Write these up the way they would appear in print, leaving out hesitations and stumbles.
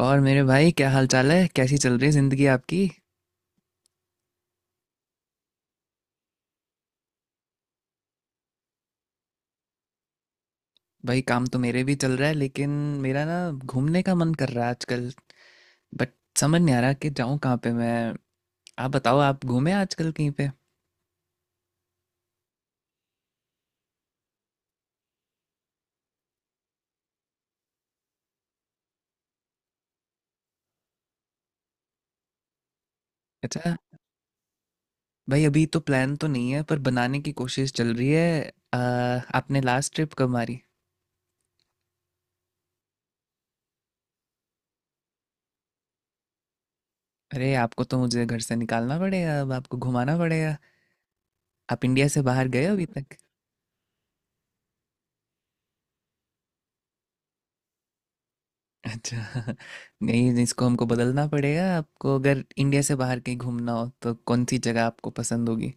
और मेरे भाई क्या हाल चाल है कैसी चल रही है जिंदगी आपकी। भाई काम तो मेरे भी चल रहा है, लेकिन मेरा ना घूमने का मन कर रहा है आजकल। बट समझ नहीं आ रहा कि जाऊँ कहाँ पे मैं। आप बताओ, आप घूमे आजकल कहीं पे? अच्छा। भाई अभी तो प्लान तो नहीं है पर बनाने की कोशिश चल रही है। आपने लास्ट ट्रिप कब मारी? अरे आपको तो मुझे घर से निकालना पड़ेगा, अब आपको घुमाना पड़ेगा। आप इंडिया से बाहर गए हो अभी तक? अच्छा। नहीं, इसको हमको बदलना पड़ेगा। आपको अगर इंडिया से बाहर कहीं घूमना हो तो कौन सी जगह आपको पसंद होगी?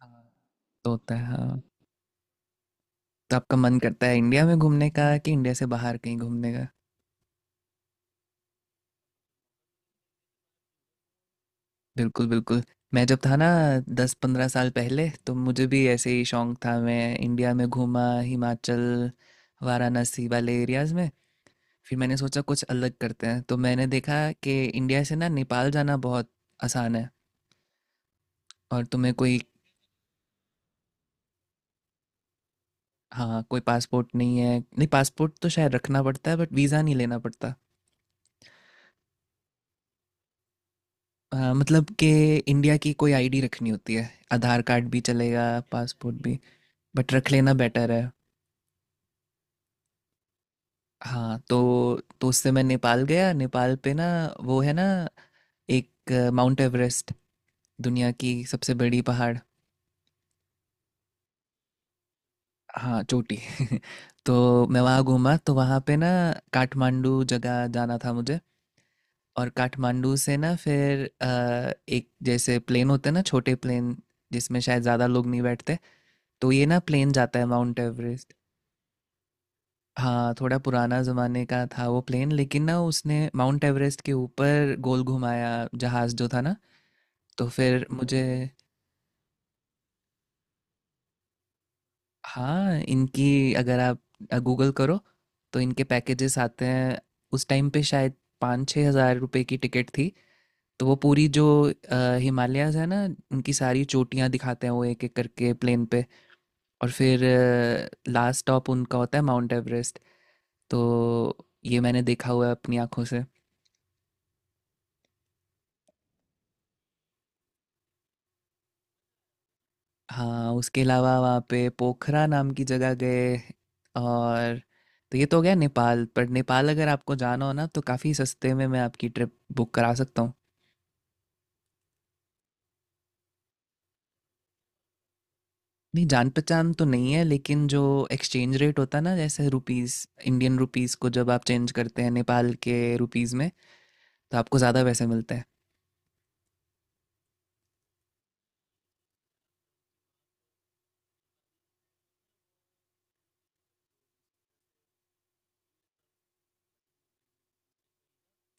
हाँ। तो होता है, हाँ। तो आपका मन करता है इंडिया में घूमने का कि इंडिया से बाहर कहीं घूमने का? बिल्कुल बिल्कुल। मैं जब था ना 10-15 साल पहले तो मुझे भी ऐसे ही शौक था। मैं इंडिया में घूमा, हिमाचल, वाराणसी वाले एरियाज में। फिर मैंने सोचा कुछ अलग करते हैं, तो मैंने देखा कि इंडिया से ना नेपाल जाना बहुत आसान है। और तुम्हें कोई हाँ, कोई पासपोर्ट नहीं है। नहीं, पासपोर्ट तो शायद रखना पड़ता है बट वीज़ा नहीं लेना पड़ता। मतलब कि इंडिया की कोई आईडी रखनी होती है। आधार कार्ड भी चलेगा, पासपोर्ट भी। बट रख लेना बेटर है। हाँ, तो उससे मैं नेपाल गया। नेपाल पे ना वो है ना एक माउंट एवरेस्ट, दुनिया की सबसे बड़ी पहाड़। हाँ, चोटी। तो मैं वहाँ घूमा। तो वहाँ पे ना काठमांडू जगह जाना था मुझे। और काठमांडू से ना फिर एक जैसे प्लेन होते हैं ना, छोटे प्लेन जिसमें शायद ज़्यादा लोग नहीं बैठते। तो ये ना प्लेन जाता है माउंट एवरेस्ट। हाँ थोड़ा पुराना ज़माने का था वो प्लेन, लेकिन ना उसने माउंट एवरेस्ट के ऊपर गोल घुमाया, जहाज़ जो था ना। तो फिर मुझे हाँ इनकी, अगर आप गूगल करो तो इनके पैकेजेस आते हैं। उस टाइम पे शायद 5-6 हज़ार रुपए की टिकट थी। तो वो पूरी जो हिमालयाज है ना, उनकी सारी चोटियाँ दिखाते हैं वो एक एक करके प्लेन पे। और फिर लास्ट स्टॉप उनका होता है माउंट एवरेस्ट। तो ये मैंने देखा हुआ है अपनी आंखों से। हाँ उसके अलावा वहाँ पे पोखरा नाम की जगह गए। और तो ये तो हो गया नेपाल। पर नेपाल अगर आपको जाना हो ना तो काफ़ी सस्ते में मैं आपकी ट्रिप बुक करा सकता हूँ। नहीं, जान पहचान तो नहीं है, लेकिन जो एक्सचेंज रेट होता है ना, जैसे रुपीस, इंडियन रुपीस को जब आप चेंज करते हैं नेपाल के रुपीस में, तो आपको ज़्यादा पैसे मिलते हैं।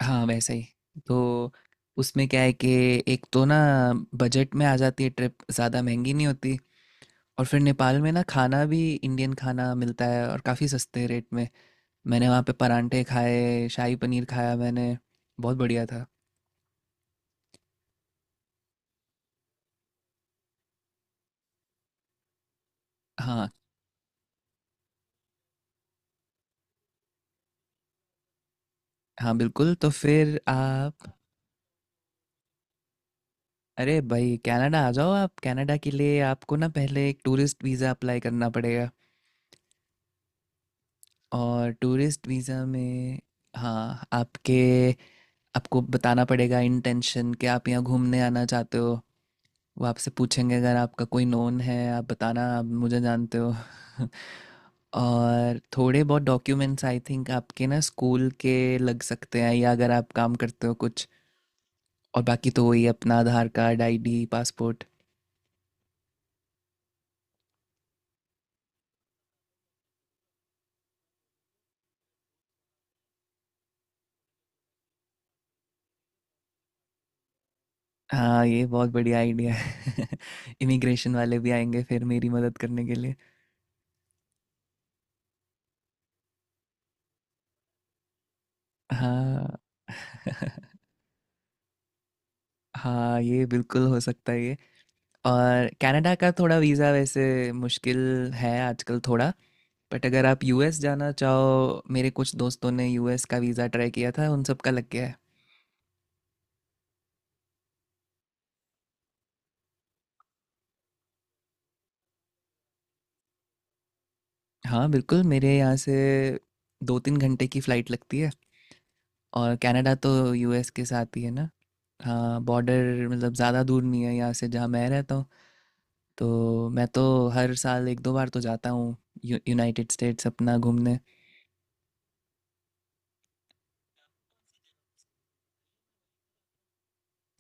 हाँ वैसे ही। तो उसमें क्या है कि एक तो ना बजट में आ जाती है ट्रिप, ज़्यादा महंगी नहीं होती। और फिर नेपाल में ना खाना भी इंडियन खाना मिलता है और काफ़ी सस्ते रेट में। मैंने वहाँ पे परांठे खाए, शाही पनीर खाया मैंने, बहुत बढ़िया था। हाँ, हाँ बिल्कुल। तो फिर आप अरे भाई कनाडा आ जाओ। आप कनाडा के लिए आपको ना पहले एक टूरिस्ट वीज़ा अप्लाई करना पड़ेगा। और टूरिस्ट वीज़ा में हाँ, आपके आपको बताना पड़ेगा इंटेंशन कि आप यहाँ घूमने आना चाहते हो। वो आपसे पूछेंगे अगर आपका कोई नोन है, आप बताना आप मुझे जानते हो। और थोड़े बहुत डॉक्यूमेंट्स आई थिंक आपके ना स्कूल के लग सकते हैं, या अगर आप काम करते हो कुछ, और बाकी तो वही अपना आधार कार्ड, आईडी, पासपोर्ट। हाँ ये बहुत बढ़िया आइडिया है। इमिग्रेशन वाले भी आएंगे फिर मेरी मदद करने के लिए। हाँ। हाँ, ये बिल्कुल हो सकता है ये। और कनाडा का थोड़ा वीज़ा वैसे मुश्किल है आजकल थोड़ा। बट अगर आप यूएस जाना चाहो, मेरे कुछ दोस्तों ने यूएस का वीज़ा ट्राई किया था, उन सब का लग गया है। हाँ बिल्कुल। मेरे यहाँ से 2-3 घंटे की फ़्लाइट लगती है, और कनाडा तो यूएस के साथ ही है ना। हाँ बॉर्डर मतलब ज़्यादा दूर नहीं है यहाँ से जहाँ मैं रहता हूँ। तो मैं तो हर साल एक दो बार तो जाता हूँ यूनाइटेड स्टेट्स अपना घूमने।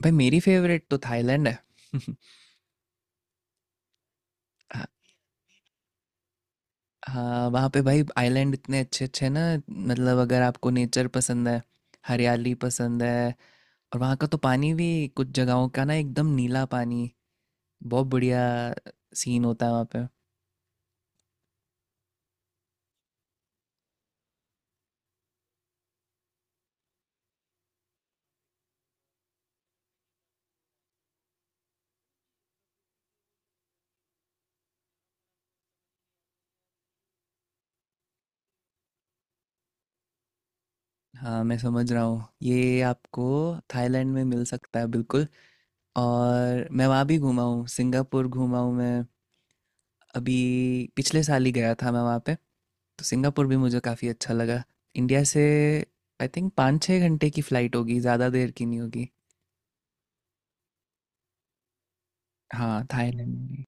भाई मेरी फेवरेट तो थाईलैंड है। हाँ। हाँ, वहाँ पे भाई आइलैंड इतने अच्छे अच्छे हैं ना। मतलब अगर आपको नेचर पसंद है, हरियाली पसंद है। और वहाँ का तो पानी भी, कुछ जगहों का ना एकदम नीला पानी, बहुत बढ़िया सीन होता है वहाँ पे। हाँ मैं समझ रहा हूँ, ये आपको थाईलैंड में मिल सकता है बिल्कुल। और मैं वहाँ भी घूमा हूँ, सिंगापुर घूमा हूँ मैं, अभी पिछले साल ही गया था मैं वहाँ पे। तो सिंगापुर भी मुझे काफ़ी अच्छा लगा। इंडिया से आई थिंक 5-6 घंटे की फ़्लाइट होगी, ज़्यादा देर की नहीं होगी। हाँ थाईलैंड में।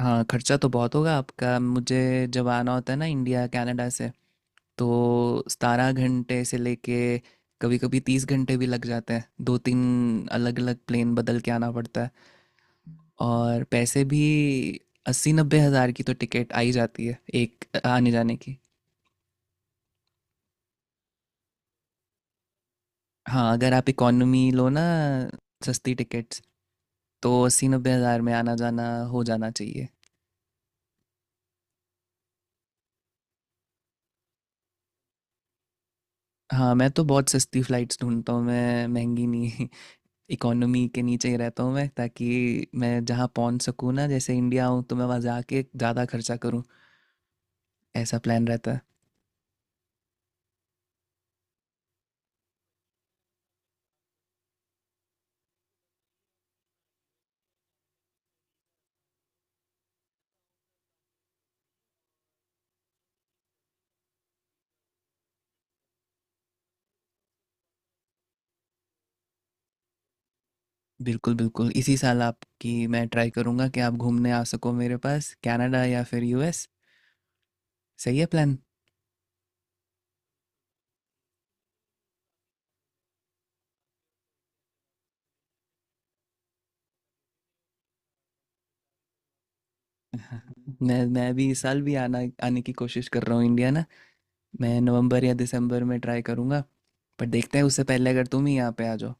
हाँ, खर्चा तो बहुत होगा आपका। मुझे जब आना होता है ना इंडिया कनाडा से तो 17 घंटे से लेके कभी कभी 30 घंटे भी लग जाते हैं, दो तीन अलग अलग प्लेन बदल के आना पड़ता है। और पैसे भी 80-90 हज़ार की तो टिकट आ ही जाती है एक आने जाने की। हाँ अगर आप इकोनॉमी लो ना, सस्ती टिकट्स, तो 80-90 हज़ार में आना जाना हो जाना चाहिए। हाँ मैं तो बहुत सस्ती फ़्लाइट्स ढूंढता हूँ, मैं महंगी नहीं। इकोनॉमी के नीचे ही रहता हूँ मैं, ताकि मैं जहाँ पहुँच सकूँ ना, जैसे इंडिया आऊँ, तो मैं वहाँ जाके ज़्यादा खर्चा करूँ। ऐसा प्लान रहता है। बिल्कुल बिल्कुल, इसी साल आपकी मैं ट्राई करूँगा कि आप घूमने आ सको मेरे पास कनाडा या फिर यूएस। सही है प्लान। मैं भी इस साल भी आना आने की कोशिश कर रहा हूँ इंडिया ना। मैं नवंबर या दिसंबर में ट्राई करूँगा। पर देखते हैं उससे पहले अगर तुम ही यहाँ पे आ जाओ।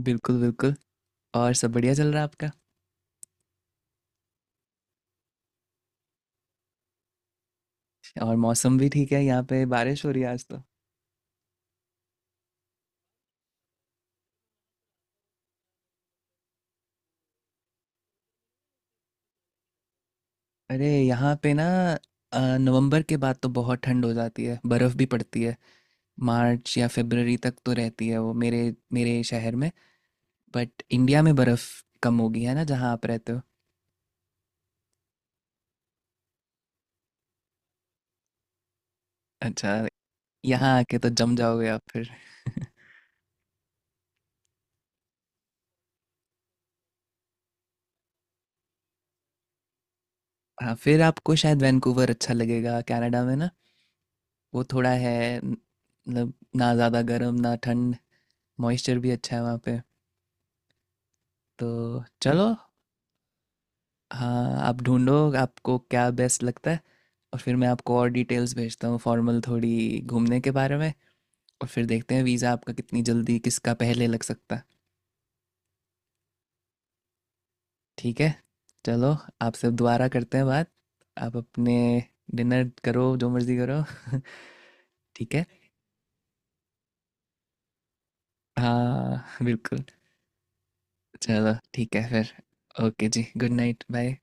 बिल्कुल बिल्कुल। और सब बढ़िया चल रहा है आपका? और मौसम भी ठीक है, यहाँ पे बारिश हो रही है आज तो। अरे यहाँ पे ना नवंबर के बाद तो बहुत ठंड हो जाती है, बर्फ़ भी पड़ती है। मार्च या फरवरी तक तो रहती है वो मेरे मेरे शहर में। बट इंडिया में बर्फ़ कम होगी है ना जहाँ आप रहते हो। अच्छा। यहाँ आके तो जम जाओगे आप फिर। हाँ फिर आपको शायद वैंकूवर अच्छा लगेगा कनाडा में ना। वो थोड़ा है, न- मतलब ना ज़्यादा गर्म ना ठंड, मॉइस्चर भी अच्छा है वहाँ पे। तो चलो। हाँ आप ढूंढो आपको क्या बेस्ट लगता है, और फिर मैं आपको और डिटेल्स भेजता हूँ फॉर्मल थोड़ी घूमने के बारे में। और फिर देखते हैं वीज़ा आपका कितनी जल्दी किसका पहले लग सकता है। ठीक है। चलो, आपसे दोबारा करते हैं बात। आप अपने डिनर करो, जो मर्ज़ी करो। ठीक है। हाँ बिल्कुल। चलो ठीक है फिर। ओके जी, गुड नाइट, बाय।